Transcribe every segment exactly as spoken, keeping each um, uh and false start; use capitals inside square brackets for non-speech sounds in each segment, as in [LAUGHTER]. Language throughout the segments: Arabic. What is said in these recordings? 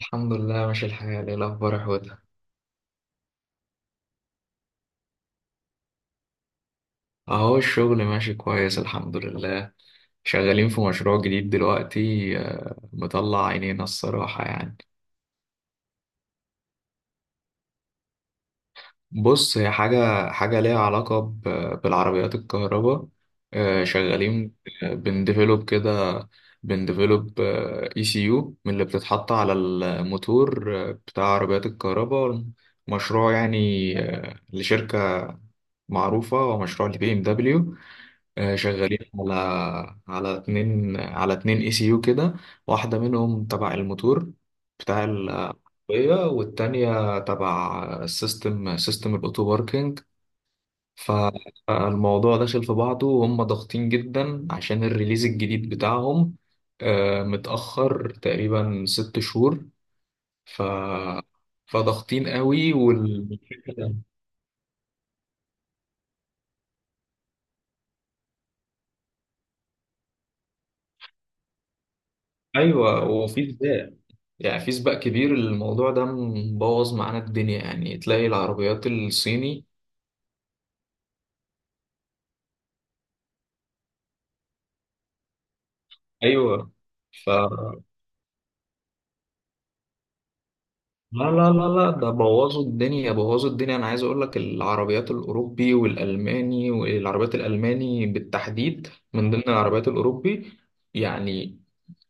الحمد لله، ماشي الحال. ايه الاخبار يا حوده؟ اهو الشغل ماشي كويس الحمد لله. شغالين في مشروع جديد دلوقتي، آه، مطلع عينينا الصراحة يعني. بص، هي حاجة حاجة ليها علاقة ب- بالعربيات الكهرباء. آه، شغالين. آه، بنديفلوب كده. بنديفلوب اي سي يو من اللي بتتحط على الموتور، آه، بتاع عربيات الكهرباء. مشروع يعني آه، لشركة معروفة، ومشروع لبي ام دبليو. آه، شغالين على على اتنين على اتنين اي سي يو كده. واحدة منهم تبع الموتور بتاع العربية، والتانية تبع السيستم، سيستم الأوتو باركينج. فالموضوع داخل في بعضه، وهم ضاغطين جدا عشان الريليز الجديد بتاعهم، آه، متأخر تقريبا ست شهور. ف فضاغطين قوي وال... ايوه، وفي زبالة يعني. في سباق كبير الموضوع ده، مبوظ معانا الدنيا، يعني تلاقي العربيات الصيني، ايوه. ف لا لا لا لا، ده بوظوا الدنيا بوظوا الدنيا. انا عايز اقول لك العربيات الاوروبي والالماني، والعربيات الالماني بالتحديد من ضمن العربيات الاوروبي يعني.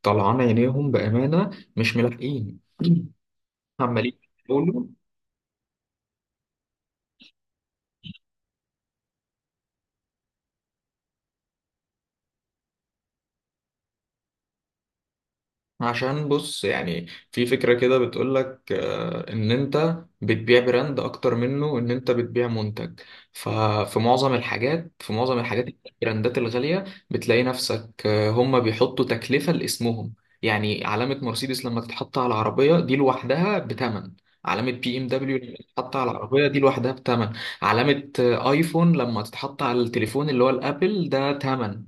طلعان عينيهم بامانه، مش ملاحقين. [CLEARS THROAT] عمالين يحاولوا. عشان بص يعني، في فكرة كده بتقولك آه، إن أنت بتبيع براند أكتر منه إن أنت بتبيع منتج. ففي معظم الحاجات، في معظم الحاجات البراندات الغالية بتلاقي نفسك آه، هما بيحطوا تكلفة لاسمهم. يعني علامة مرسيدس لما تتحط على العربية دي لوحدها بتمن. علامة بي ام دبليو لما تتحط على العربية دي لوحدها بتمن. علامة آه، ايفون لما تتحط على التليفون اللي هو الابل ده تمن.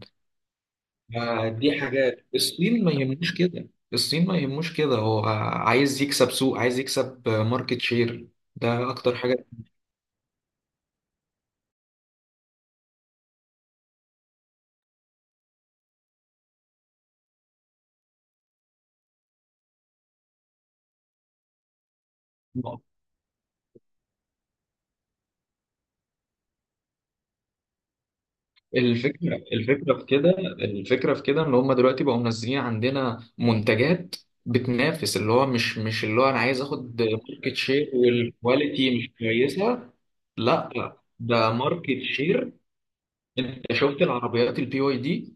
ما دي حاجات الصين ما يهموش كده، الصين ما يهموش كده. هو عايز يكسب سوق، عايز يكسب ماركت شير. ده اكتر حاجة. الفكرة الفكرة في كده، الفكرة في كده ان هم دلوقتي بقوا منزلين عندنا منتجات بتنافس. اللي هو مش مش اللي هو انا عايز اخد ماركت شير والكواليتي مش كويسة، لا لا، ده ماركت شير. انت شفت العربيات البي واي دي؟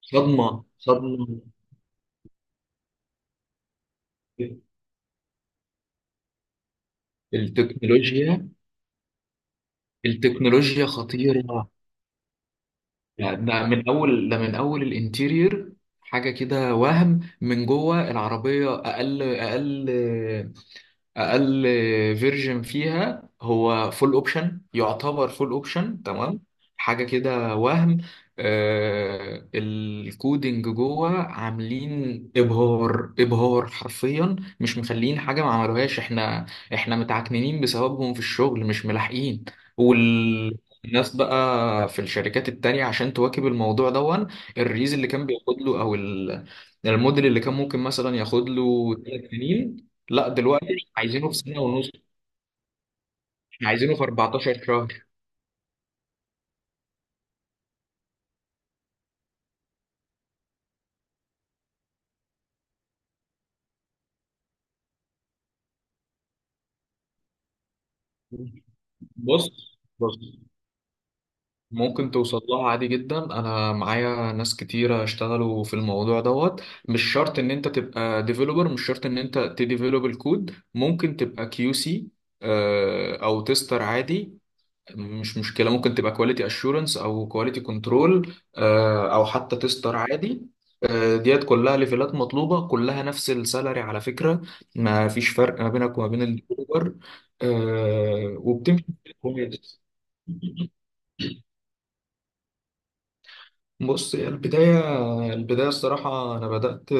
صدمة صدمة. التكنولوجيا، التكنولوجيا خطيرة. يعني ده من أول ده من أول الانتيرير حاجة كده، وهم من جوه العربية أقل أقل اقل فيرجن فيها، هو فول اوبشن يعتبر فول اوبشن تمام. حاجه كده وهم آه الكودينج جوه، عاملين ابهار ابهار حرفيا، مش مخلين حاجه ما عملوهاش. احنا احنا متعكنين بسببهم في الشغل، مش ملاحقين. والناس بقى في الشركات التانية عشان تواكب الموضوع دون. الريز اللي كان بياخد له، او ال- الموديل اللي كان ممكن مثلا ياخد له ثلاث سنين، لا دلوقتي عايزينه في سنة ونص. احنا عايزينه في اربعتاشر شهر. بص بص، ممكن توصل لها عادي جدا. انا معايا ناس كتيرة اشتغلوا في الموضوع دوت. مش شرط ان انت تبقى ديفلوبر، مش شرط ان انت تديفلوب الكود، ممكن تبقى كيو سي او تستر عادي. مش مشكلة، ممكن تبقى كواليتي اشورنس او كواليتي كنترول، او حتى تستر عادي. آه، ديت كلها ليفلات مطلوبة، كلها نفس السالري على فكرة. ما فيش فرق ما بينك وما بين الاوبر، آه، وبتمشي كويس. بص، هي البداية، البداية الصراحة أنا بدأت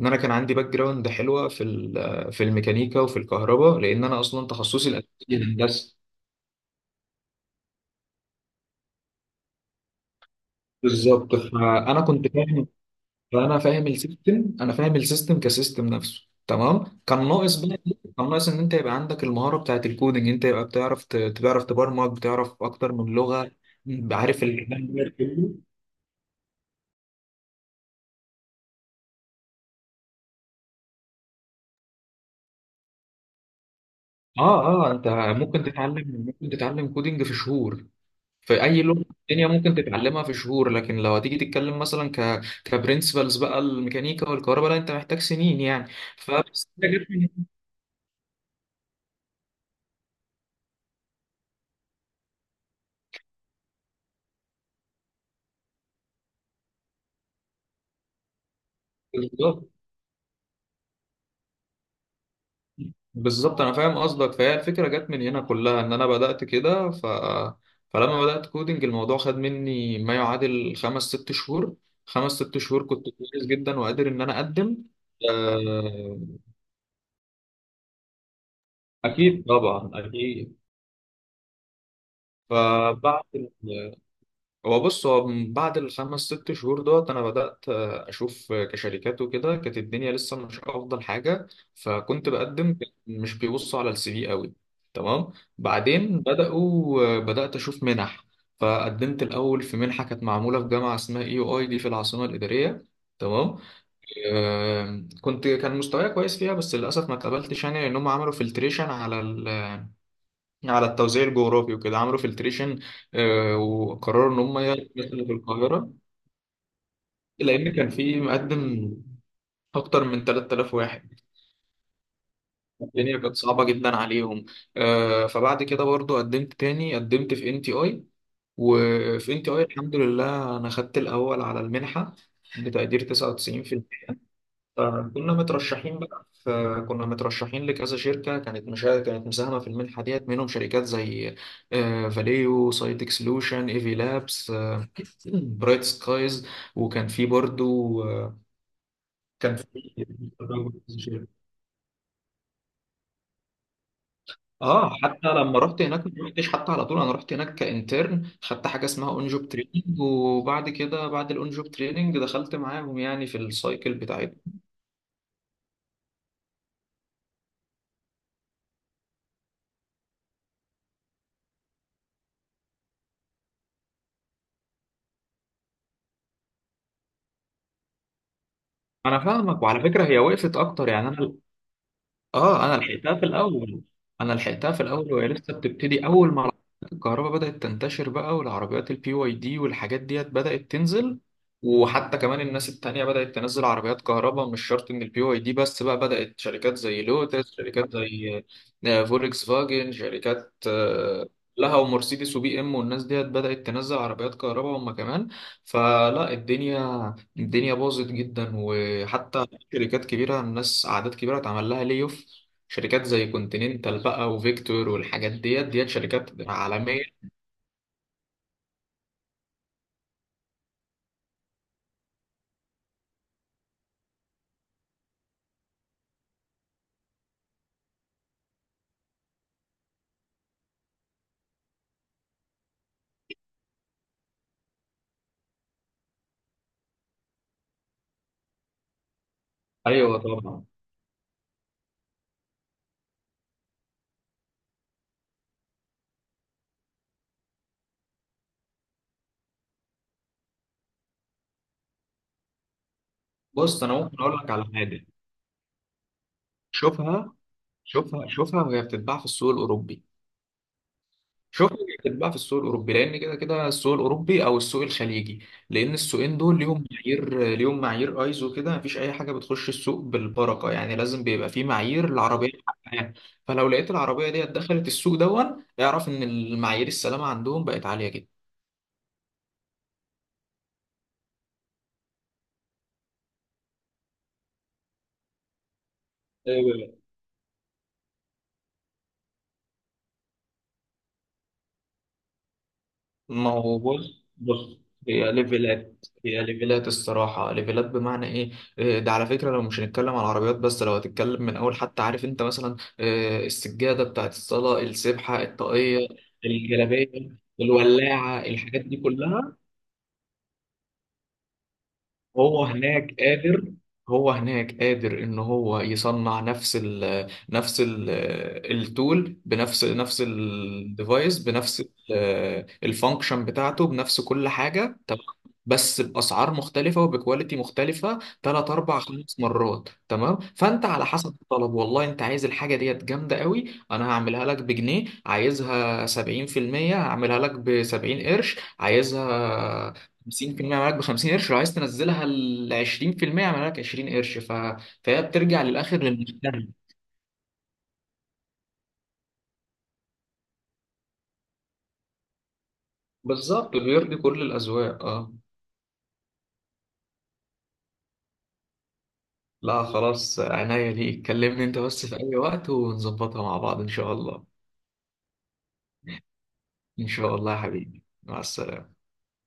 إن أنا كان عندي باك جراوند حلوة في ال- في الميكانيكا وفي الكهرباء، لأن أنا أصلا تخصصي الأساسي هندسة. بالظبط، فأنا كنت فاهم. فانا فاهم السيستم، انا فاهم السيستم كسيستم نفسه تمام. كان ناقص بقى إيه؟ كان ناقص ان انت يبقى عندك المهاره بتاعت الكودينج، انت يبقى بتعرف ت- بتعرف تبرمج، بتعرف اكتر من لغه. عارف ال [LAUGHS] اه اه انت ممكن تتعلم، ممكن تتعلم كودينج في شهور. في اي لغه في الدنيا ممكن تتعلمها في شهور. لكن لو هتيجي تتكلم مثلا ك كبرنسبلز بقى الميكانيكا والكهرباء، لا انت محتاج سنين يعني. فبس انت جبت من هنا. بالظبط. بالظبط، انا فاهم قصدك. فهي الفكره جت من هنا كلها، ان انا بدات كده ف... فلما بدات كودنج الموضوع خد مني ما يعادل خمس ست شهور. خمس ست شهور كنت كويس جدا وقادر ان انا اقدم. آه، اكيد طبعا اكيد. فبعد هو بص، هو من بعد الخمس ست شهور دوت انا بدات آه، اشوف آه، كشركات وكده. كانت الدنيا لسه مش افضل حاجه، فكنت بقدم. مش بيبصوا على السي في قوي، تمام. بعدين بداوا، آه، بدات اشوف منح. فقدمت الاول في منحه كانت معموله في جامعه اسمها اي يو اي دي في العاصمه الاداريه، تمام. آه، كنت كان مستواي كويس فيها، بس للاسف ما اتقبلتش يعني. لان هم عملوا فلتريشن على على التوزيع الجغرافي وكده، عملوا فلتريشن، آه، وقرروا ان هم يدخلوا في القاهره، لان كان في مقدم اكتر من ثلاث آلاف واحد. الدنيا كانت صعبه جدا عليهم. آه، فبعد كده برضو قدمت تاني، قدمت في ان تي اي. وفي ان تي اي الحمد لله انا خدت الاول على المنحه بتقدير تسعة وتسعين بالمية. فكنا مترشحين بقى فكنا مترشحين لكذا شركة كانت مشا... كانت مساهمة في المنحة ديت، منهم شركات زي آه، فاليو سايتك سولوشن، ايفي لابس، آه، [CLEARS THROAT] برايت سكايز. وكان في برضو آه، كان في [LAUGHS] اه. حتى لما رحت هناك ما رحتش حتى على طول. انا رحت هناك كانترن، خدت حاجه اسمها اون جوب تريننج، وبعد كده بعد الاون جوب تريننج دخلت معاهم يعني في السايكل بتاعتهم. انا فاهمك، وعلى فكره هي وقفت اكتر يعني انا. اه، انا لحقتها في الاول، انا لحقتها في الاول وهي لسه بتبتدي. اول ما الكهرباء بدات تنتشر بقى، والعربيات البي واي دي والحاجات ديت بدات تنزل. وحتى كمان الناس التانية بدأت تنزل عربيات كهرباء، مش شرط إن البي واي دي بس، بقى بدأت شركات زي لوتس، شركات زي آه، فولكس فاجن، شركات آه، لها، ومرسيدس وبي ام، والناس ديت بدأت تنزل عربيات كهرباء هم كمان. فلا، الدنيا الدنيا باظت جدا. وحتى شركات كبيرة، الناس أعداد كبيرة اتعمل لها لي اوف، شركات زي كونتيننتال بقى، وفيكتور والحاجات ديت ديت شركات عالمية. أيوة طبعا. بص، أنا ممكن أقول لك على حاجة. شوفها، شوفها شوفها وهي بتتباع في السوق الأوروبي. شوف يكتب بقى في السوق الاوروبي، لان كده كده السوق الاوروبي او السوق الخليجي، لان السوقين دول ليهم معايير، ليهم معايير ايزو كده. مفيش اي حاجه بتخش السوق بالبركه يعني، لازم بيبقى في معايير العربيه حقها. فلو لقيت العربيه ديت دخلت السوق دون، اعرف ان المعايير السلامه عندهم بقت عاليه جدا. ما هو بص بص، هي ليفلات هي ليفلات الصراحة، ليفلات بمعنى ايه؟ آه، ده على فكرة لو مش هنتكلم على العربيات بس، لو هتتكلم من اول، حتى عارف انت مثلا آه، السجادة بتاعت الصلاة، السبحة، الطاقية، الجلابية، الولاعة، الحاجات دي كلها. هو هناك قادر هو هناك قادر ان هو يصنع نفس ال نفس ال التول، بنفس نفس الديفايس، بنفس الفانكشن بتاعته، بنفس كل حاجه تمام. بس باسعار مختلفه وبكواليتي مختلفه، ثلاث اربع خمس مرات تمام. فانت على حسب الطلب، والله انت عايز الحاجه ديت جامده قوي، انا هعملها لك بجنيه. عايزها سبعين بالمية، هعملها لك ب سبعين قرش. عايزها خمسين بالمية، معاك ب خمسين قرش. لو عايز تنزلها ل عشرين بالمية، معاك عشرين قرش. ف... فهي بترجع للاخر للمشتري. بالظبط بيرضي كل الاذواق اه. لا خلاص، عناية ليك، كلمني انت بس في اي وقت ونظبطها مع بعض ان شاء الله. ان شاء الله يا حبيبي، مع السلامة.